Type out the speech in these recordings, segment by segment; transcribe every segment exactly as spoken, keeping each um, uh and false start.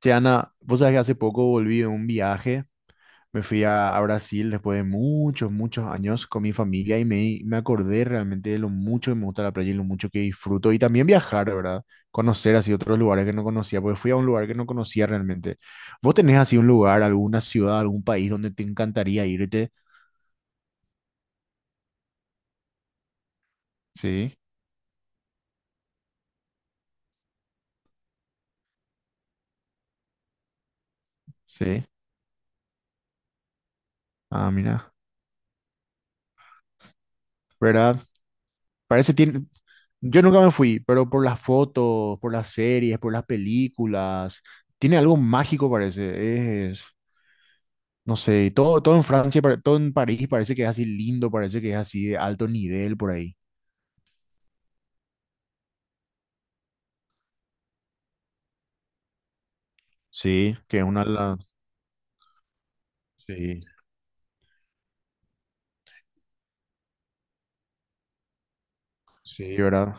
Che, Ana, vos sabés que hace poco volví de un viaje, me fui a, a Brasil después de muchos, muchos años con mi familia y me, me acordé realmente de lo mucho que me gusta la playa y lo mucho que disfruto y también viajar, ¿verdad? Conocer así otros lugares que no conocía, porque fui a un lugar que no conocía realmente. ¿Vos tenés así un lugar, alguna ciudad, algún país donde te encantaría irte? Sí, sí. Ah, mira, ¿verdad? Parece tiene. Yo nunca me fui, pero por las fotos, por las series, por las películas, tiene algo mágico, parece. Es, no sé, todo, todo en Francia, pare- todo en París parece que es así lindo, parece que es así de alto nivel por ahí. Sí, que es una de las- Sí, sí, ¿verdad?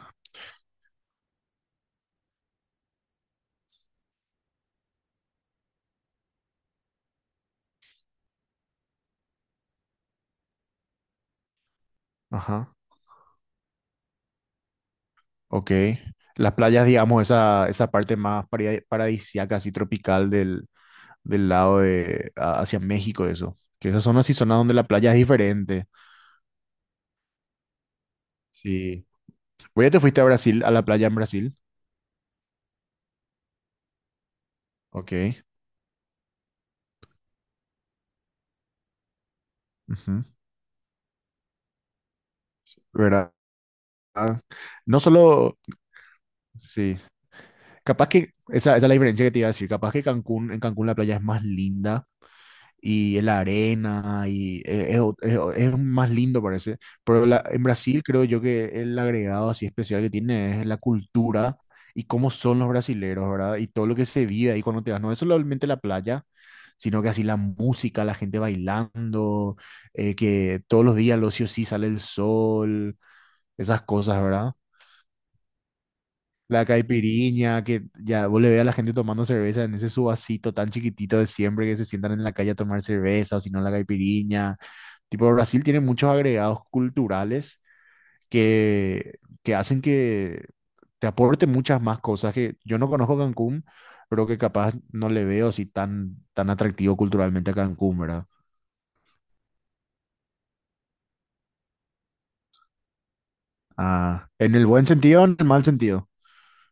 Ajá, ok. Las playas, digamos, esa, esa parte más paradis- paradisíaca, así tropical del, del lado de a- hacia México, eso. Que esas zonas sí zonas donde la playa es diferente. Sí. Oye, te fuiste a Brasil, a la playa en Brasil. Ok. Ujú, ¿verdad? No solo, sí. Capaz que, esa, esa es la diferencia que te iba a decir. Capaz que Cancún, en Cancún la playa es más linda. Y la arena y e- es, ot- es- o- es más lindo parece. Pero la- en Brasil creo yo que el agregado así especial que tiene es la cultura y cómo son los brasileros, ¿verdad? Y todo lo que se vive ahí cuando te vas, no es solamente la playa, sino que así la música, la gente bailando, eh, que todos los días al ocio sí sale el sol, esas cosas, ¿verdad? La caipiriña, que ya vos le ve a la gente tomando cerveza en ese su vasito tan chiquitito de siempre que se sientan en la calle a tomar cerveza, o si no la caipiriña. Tipo, Brasil tiene muchos agregados culturales que, que hacen que te aporte muchas más cosas que yo no conozco Cancún, pero que capaz no le veo así tan, tan atractivo culturalmente a Cancún, ¿verdad? Ah, ¿en el buen sentido o en el mal sentido,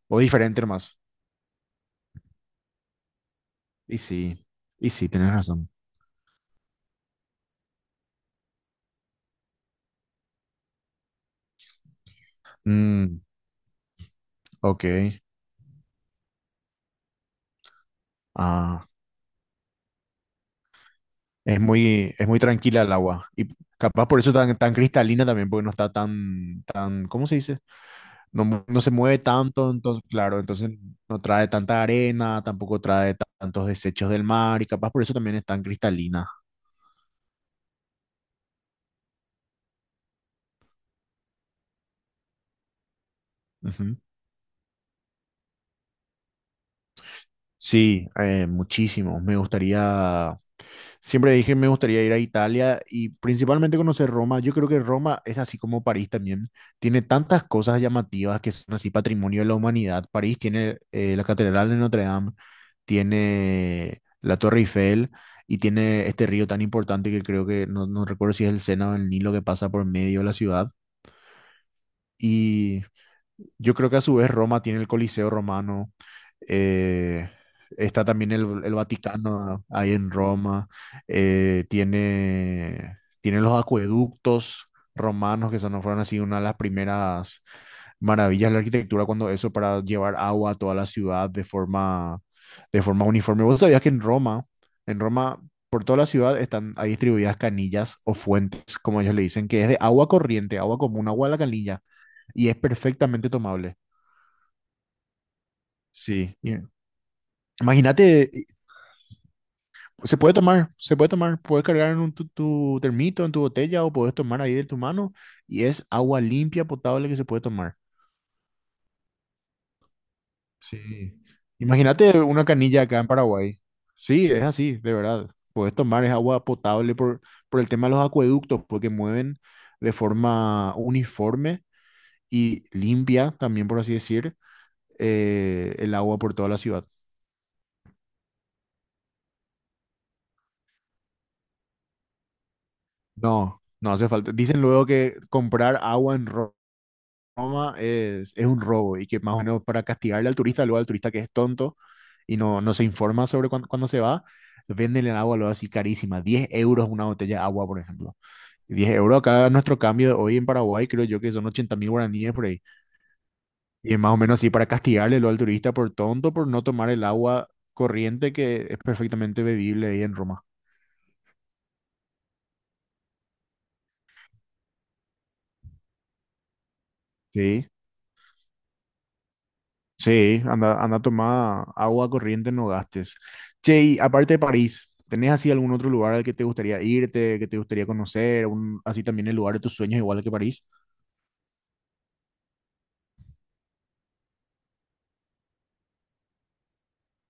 o diferente más? Y sí, y sí, tienes razón. Mm, ok. Ah, es muy, es muy tranquila el agua. Y capaz por eso tan, tan cristalina también, porque no está tan, tan, ¿cómo se dice? No, mu- no se mueve tanto, entonces, claro, entonces no trae tanta arena, tampoco trae ta- tantos desechos del mar, y capaz por eso también es tan cristalina. Ujú. Sí, eh, muchísimo. Me gustaría. Siempre dije, me gustaría ir a Italia y principalmente conocer Roma. Yo creo que Roma es así como París también. Tiene tantas cosas llamativas que son así patrimonio de la humanidad. París tiene eh, la Catedral de Notre Dame, tiene la Torre Eiffel y tiene este río tan importante que creo que no, no recuerdo si es el Sena o el Nilo que pasa por medio de la ciudad. Y yo creo que a su vez Roma tiene el Coliseo romano, eh, está también el, el Vaticano ahí en Roma, eh, tiene, tiene, los acueductos romanos que son, fueron así una de las primeras maravillas de la arquitectura cuando eso para llevar agua a toda la ciudad de forma, de forma uniforme. ¿Vos sabías que en Roma, en Roma, por toda la ciudad están ahí distribuidas canillas o fuentes, como ellos le dicen, que es de agua corriente, agua común, agua de la canilla y es perfectamente tomable? Sí. Y imagínate, y- se puede tomar, se puede tomar, puedes cargar en un tu, tu termito, en tu botella o puedes tomar ahí de tu mano y es agua limpia, potable que se puede tomar. Sí. Imagínate una canilla acá en Paraguay. Sí, es así, de verdad. Puedes tomar, es agua potable por, por el tema de los acueductos, porque mueven de forma uniforme y limpia, también por así decir, eh, el agua por toda la ciudad. No, no hace falta. Dicen luego que comprar agua en Ro- Roma es, es, un robo y que más o menos para castigarle al turista, luego al turista que es tonto y no, no se informa sobre cuándo, cuándo se va, venden el agua luego así carísima. Diez euros una botella de agua, por ejemplo. Diez euros acá nuestro cambio de hoy en Paraguay, creo yo que son ochenta mil guaraníes por ahí. Y es más o menos así para castigarle luego al turista por tonto, por no tomar el agua corriente que es perfectamente bebible ahí en Roma. Sí. Sí, anda, anda a tomar agua corriente, no gastes. Che, y aparte de París, ¿tenés así algún otro lugar al que te gustaría irte, que te gustaría conocer? Un- así también el lugar de tus sueños, igual que París.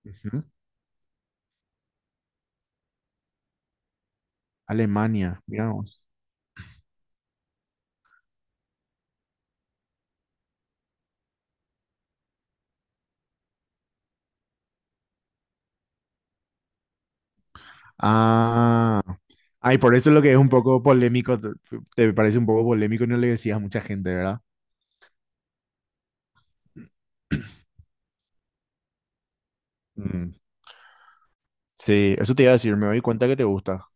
Ujú. Alemania, mira vos. Ah, ay, por eso es lo que es un poco polémico, te, te parece un poco polémico y no le decías a mucha gente, ¿verdad? Mm, sí, eso te iba a decir, me doy cuenta que te gusta.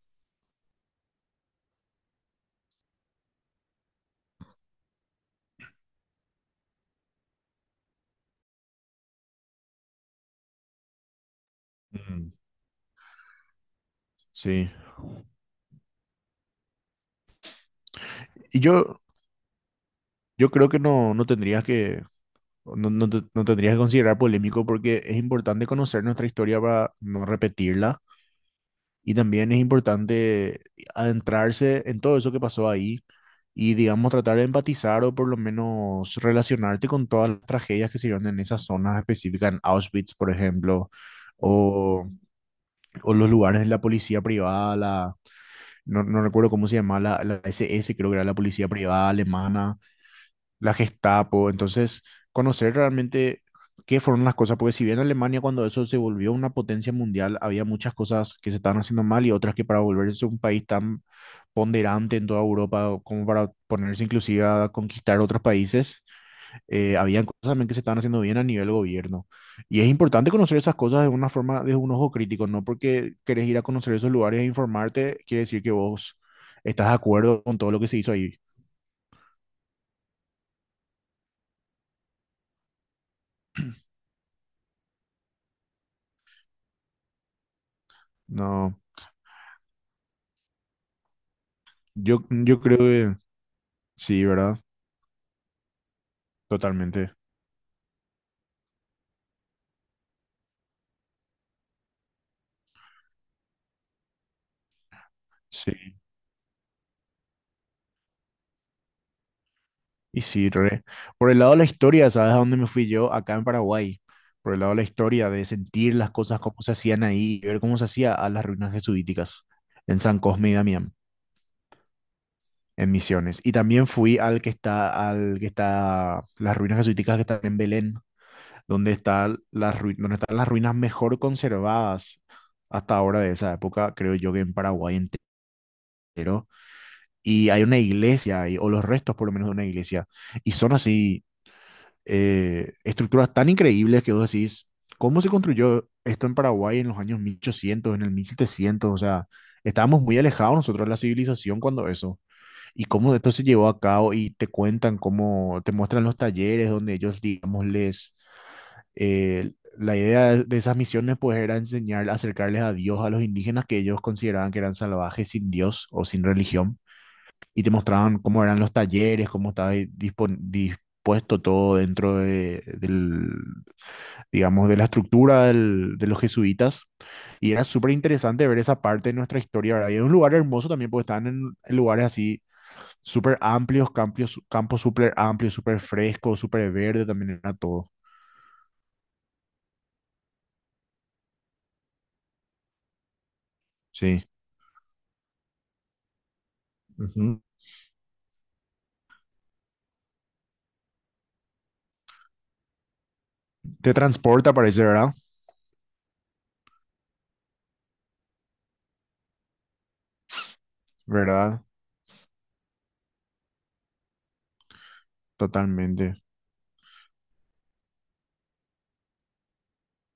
Mm, sí. Y yo, yo creo. Que no, no tendrías que No, no, te- no tendrías que considerar polémico porque es importante conocer nuestra historia para no repetirla y también es importante adentrarse en todo eso que pasó ahí y digamos tratar de empatizar o por lo menos relacionarte con todas las tragedias que se dieron en esas zonas específicas, en Auschwitz, por ejemplo, o, o los lugares de la policía privada, la, no, no recuerdo cómo se llamaba, la, la S S creo que era la policía privada alemana la Gestapo. Entonces, conocer realmente qué fueron las cosas, porque si bien Alemania cuando eso se volvió una potencia mundial, había muchas cosas que se estaban haciendo mal y otras que para volverse un país tan ponderante en toda Europa, o como para ponerse inclusive a conquistar otros países, eh, habían cosas también que se estaban haciendo bien a nivel gobierno. Y es importante conocer esas cosas de una forma, de un ojo crítico, no porque querés ir a conocer esos lugares e informarte, quiere decir que vos estás de acuerdo con todo lo que se hizo ahí. No, yo, yo creo Sí, ¿verdad? Totalmente. Sí. Y sí, re. Por el lado de la historia, ¿sabes a dónde me fui yo? Acá en Paraguay. Por el lado de la historia, de sentir las cosas como se hacían ahí, ver cómo se hacía, a las ruinas jesuíticas en San Cosme y Damián, en Misiones. Y también fui al que está, al que está, las ruinas jesuíticas que están en Belén, donde está las rui- donde están las ruinas mejor conservadas hasta ahora de esa época, creo yo que en Paraguay entero. Y hay una iglesia, ahí, o los restos por lo menos de una iglesia, y son así eh, estructuras tan increíbles que vos decís, ¿cómo se construyó esto en Paraguay en los años mil ochocientos, en el mil setecientos? O sea, estábamos muy alejados nosotros de la civilización cuando eso, y cómo esto se llevó a cabo, y te cuentan cómo, te muestran los talleres donde ellos, digamos, les... eh, la idea de de esas misiones pues era enseñar, acercarles a Dios a los indígenas que ellos consideraban que eran salvajes sin Dios o sin religión, y te mostraban cómo eran los talleres, cómo estaba di- dispon- dispuesto todo dentro de, del, digamos, de la estructura del- de los jesuitas. Y era súper interesante ver esa parte de nuestra historia, ¿verdad? Y es un lugar hermoso también porque estaban en, en lugares así súper amplios, campos, campos súper amplios, súper frescos, súper verde también era todo. Sí. Ujú. Te transporta, parece, ¿verdad? ¿Verdad? Totalmente.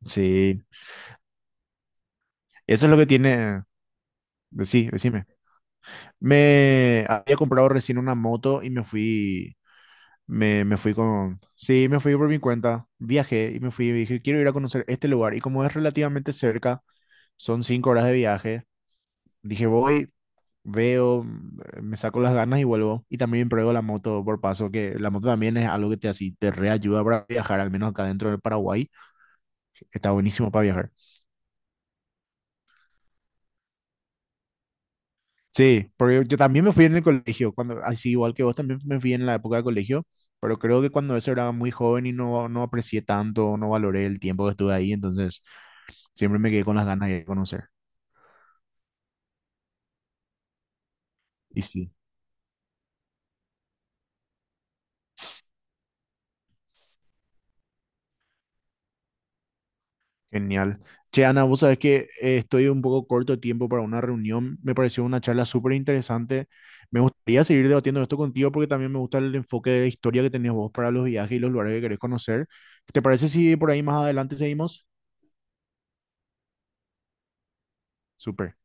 Sí. Eso es lo que tiene... Sí, decime. Me había comprado recién una moto y me fui, me, me fui con, sí, me fui por mi cuenta, viajé y me fui y dije, quiero ir a conocer este lugar. Y como es relativamente cerca, son cinco horas de viaje, dije, voy, veo, mm, me saco las ganas y vuelvo. Y también pruebo la moto por paso, que la moto también es algo que te, así, te reayuda para viajar, al menos acá dentro del Paraguay, está buenísimo para viajar. Sí, porque yo también me fui en el colegio, cuando, así igual que vos, también me fui en la época de colegio, pero creo que cuando eso era muy joven y no, no aprecié tanto, no valoré el tiempo que estuve ahí, entonces siempre me quedé con las ganas de conocer. Y sí, genial. Che, Ana, vos sabés que eh, estoy un poco corto de tiempo para una reunión, me pareció una charla súper interesante. Me gustaría seguir debatiendo esto contigo porque también me gusta el enfoque de historia que tenés vos para los viajes y los lugares que querés conocer. ¿Te parece si por ahí más adelante seguimos? Súper.